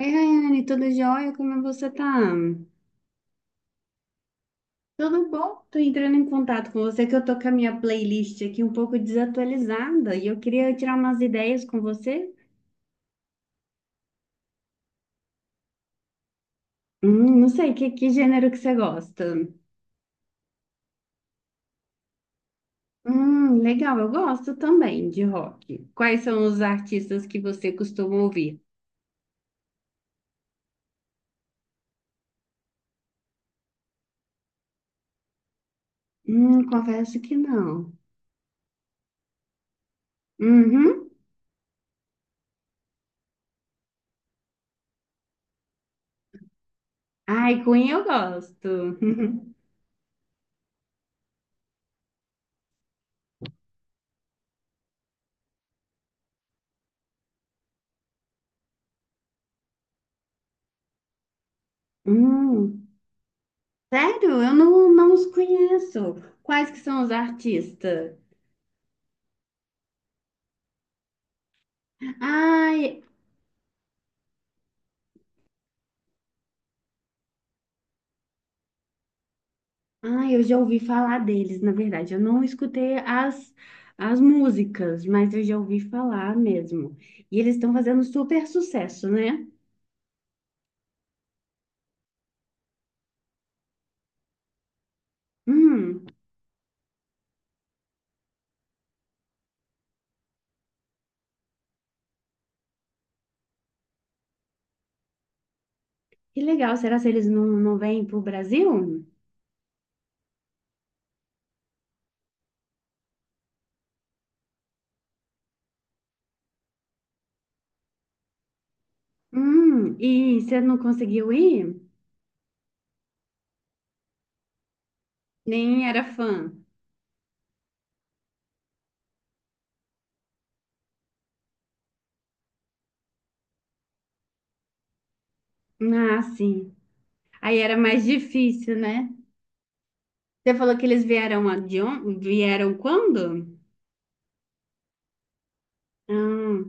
Oi, Rayane, tudo jóia? Como você tá? Tudo bom? Tô entrando em contato com você que eu tô com a minha playlist aqui um pouco desatualizada e eu queria tirar umas ideias com você. Não sei, que gênero que você gosta? Legal, eu gosto também de rock. Quais são os artistas que você costuma ouvir? Confesso que não. Uhum. Ai, Queen eu gosto. Hum, sério? Eu não os conheço. Quais que são os artistas? Ai, ai, eu já ouvi falar deles, na verdade. Eu não escutei as, as músicas, mas eu já ouvi falar mesmo. E eles estão fazendo super sucesso, né? Hum, que legal. Será que eles não vêm pro Brasil? E você não conseguiu ir? Nem era fã. Ah, sim. Aí era mais difícil, né? Você falou que eles vieram a- de on- vieram quando? Ah,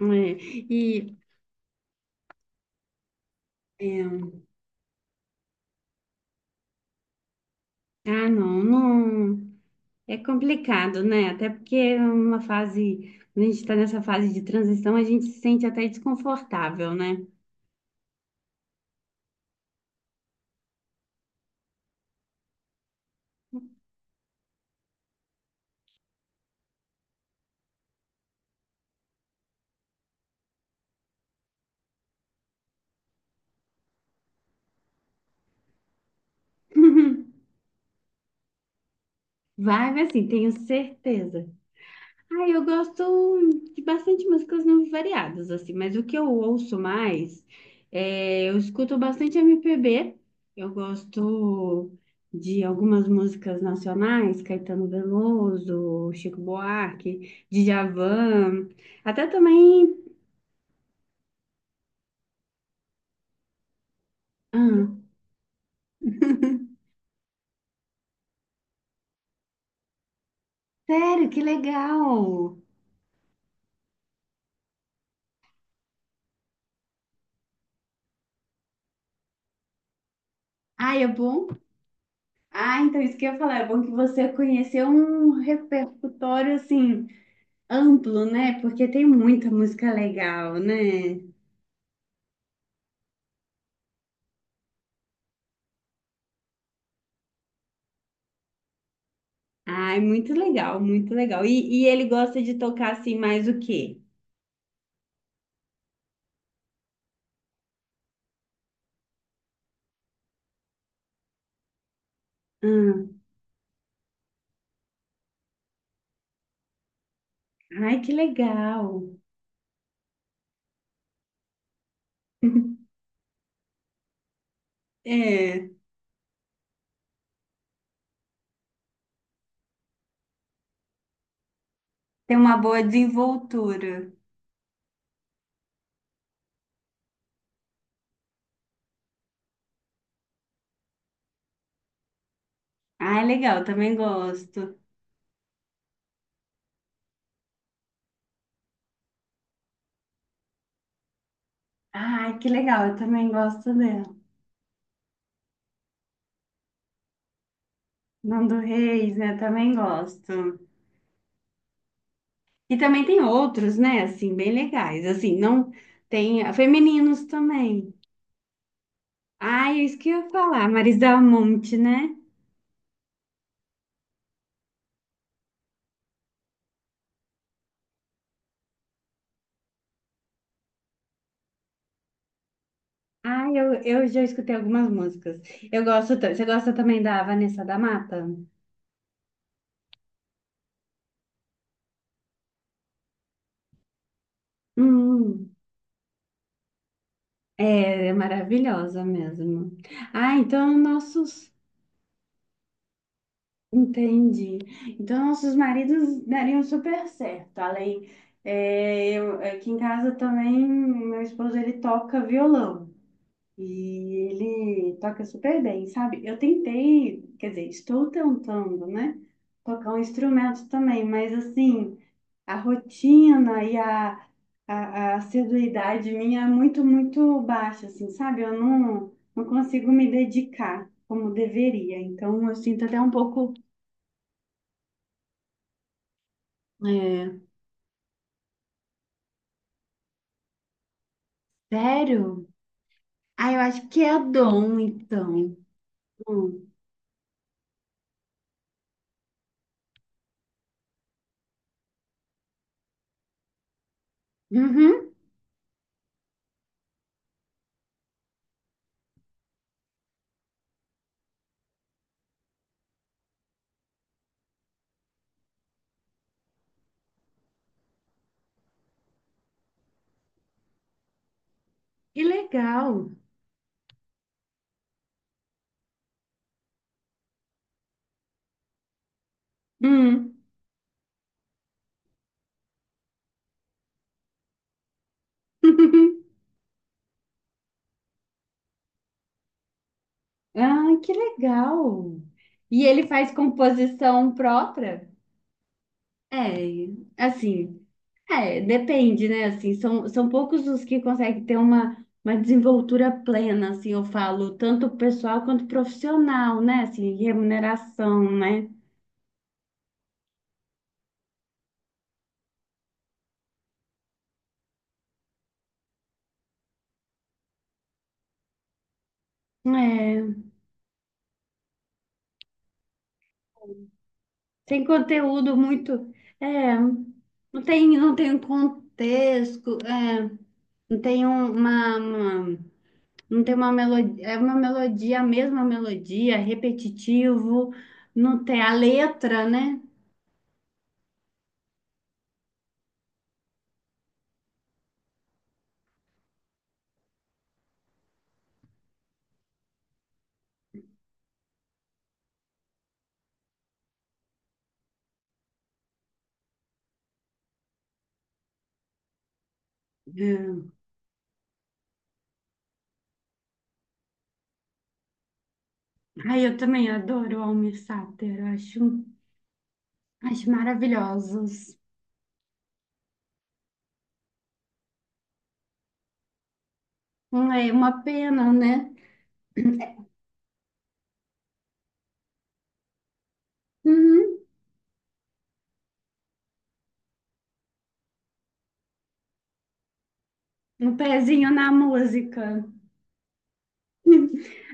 é. E é. Ah, não, não. É complicado, né? Até porque é uma fase, quando a gente está nessa fase de transição, a gente se sente até desconfortável, né? Vai, mas assim, tenho certeza. Ah, eu gosto de bastante músicas no- variadas, assim, mas o que eu ouço mais, é, eu escuto bastante MPB, eu gosto de algumas músicas nacionais, Caetano Veloso, Chico Buarque, Djavan, até também. Ah, sério, que legal! Ai, é bom? Ah, então isso que eu ia falar, é bom que você conheceu um repertório assim amplo, né? Porque tem muita música legal, né? Ai, muito legal, muito legal. E ele gosta de tocar assim mais o quê? Hum. Ai, que legal! É, tem uma boa desenvoltura. Ai, legal, também gosto. Ai, que legal, eu também gosto dela. Nando Reis, né? Também gosto. E também tem outros, né? Assim, bem legais. Assim, não tem femininos também. Ai, é isso que eu ia falar, Marisa Monte, né? Ai, eu já escutei algumas músicas. Você gosta também da Vanessa da Mata? Hum, é, é maravilhosa mesmo. Ah, então nossos, entendi. Então nossos maridos dariam super certo. É, eu, aqui em casa também, meu esposo ele toca violão. E ele toca super bem, sabe? Eu tentei, quer dizer, estou tentando, né? Tocar um instrumento também, mas assim, a rotina e a, a, a assiduidade minha é muito, muito baixa, assim, sabe? Eu não consigo me dedicar como deveria. Então, eu sinto até um pouco. É, sério? Ah, eu acho que é dom, então. Hum. Uhum. Que legal. Hum. Ah, que legal! E ele faz composição própria? É, assim, é, depende, né? Assim, são poucos os que conseguem ter uma desenvoltura plena, assim, eu falo, tanto pessoal quanto profissional, né? Assim, remuneração, né? É, tem conteúdo muito, é, não tem um contexto, é, não tem um- uma Não tem uma melodia, é uma melodia, a mesma melodia, repetitivo, não tem a letra, né? É. Ai, eu também adoro Almir Sater, acho maravilhosos. É uma pena, né? Uhum. Um pezinho na música.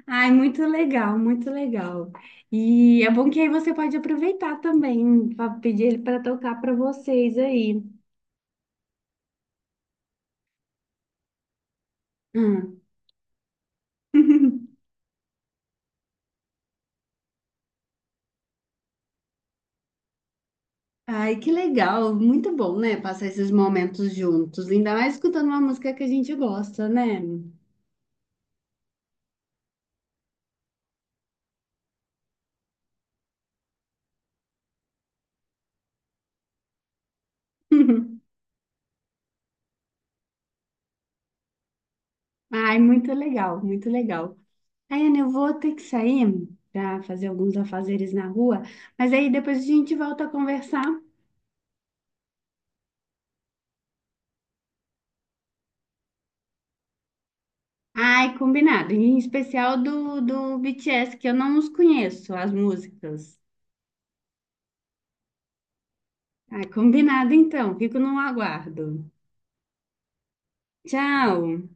Ai, muito legal, muito legal. E é bom que aí você pode aproveitar também, pra pedir ele para tocar para vocês aí. Hum. Ai, que legal, muito bom, né? Passar esses momentos juntos, ainda mais escutando uma música que a gente gosta, né? Ai, muito legal, muito legal. Aí, Aiane, eu vou ter que sair para fazer alguns afazeres na rua, mas aí depois a gente volta a conversar. Ai, combinado, em especial do BTS, que eu não os conheço, as músicas. Ai, combinado então, fico no aguardo. Tchau!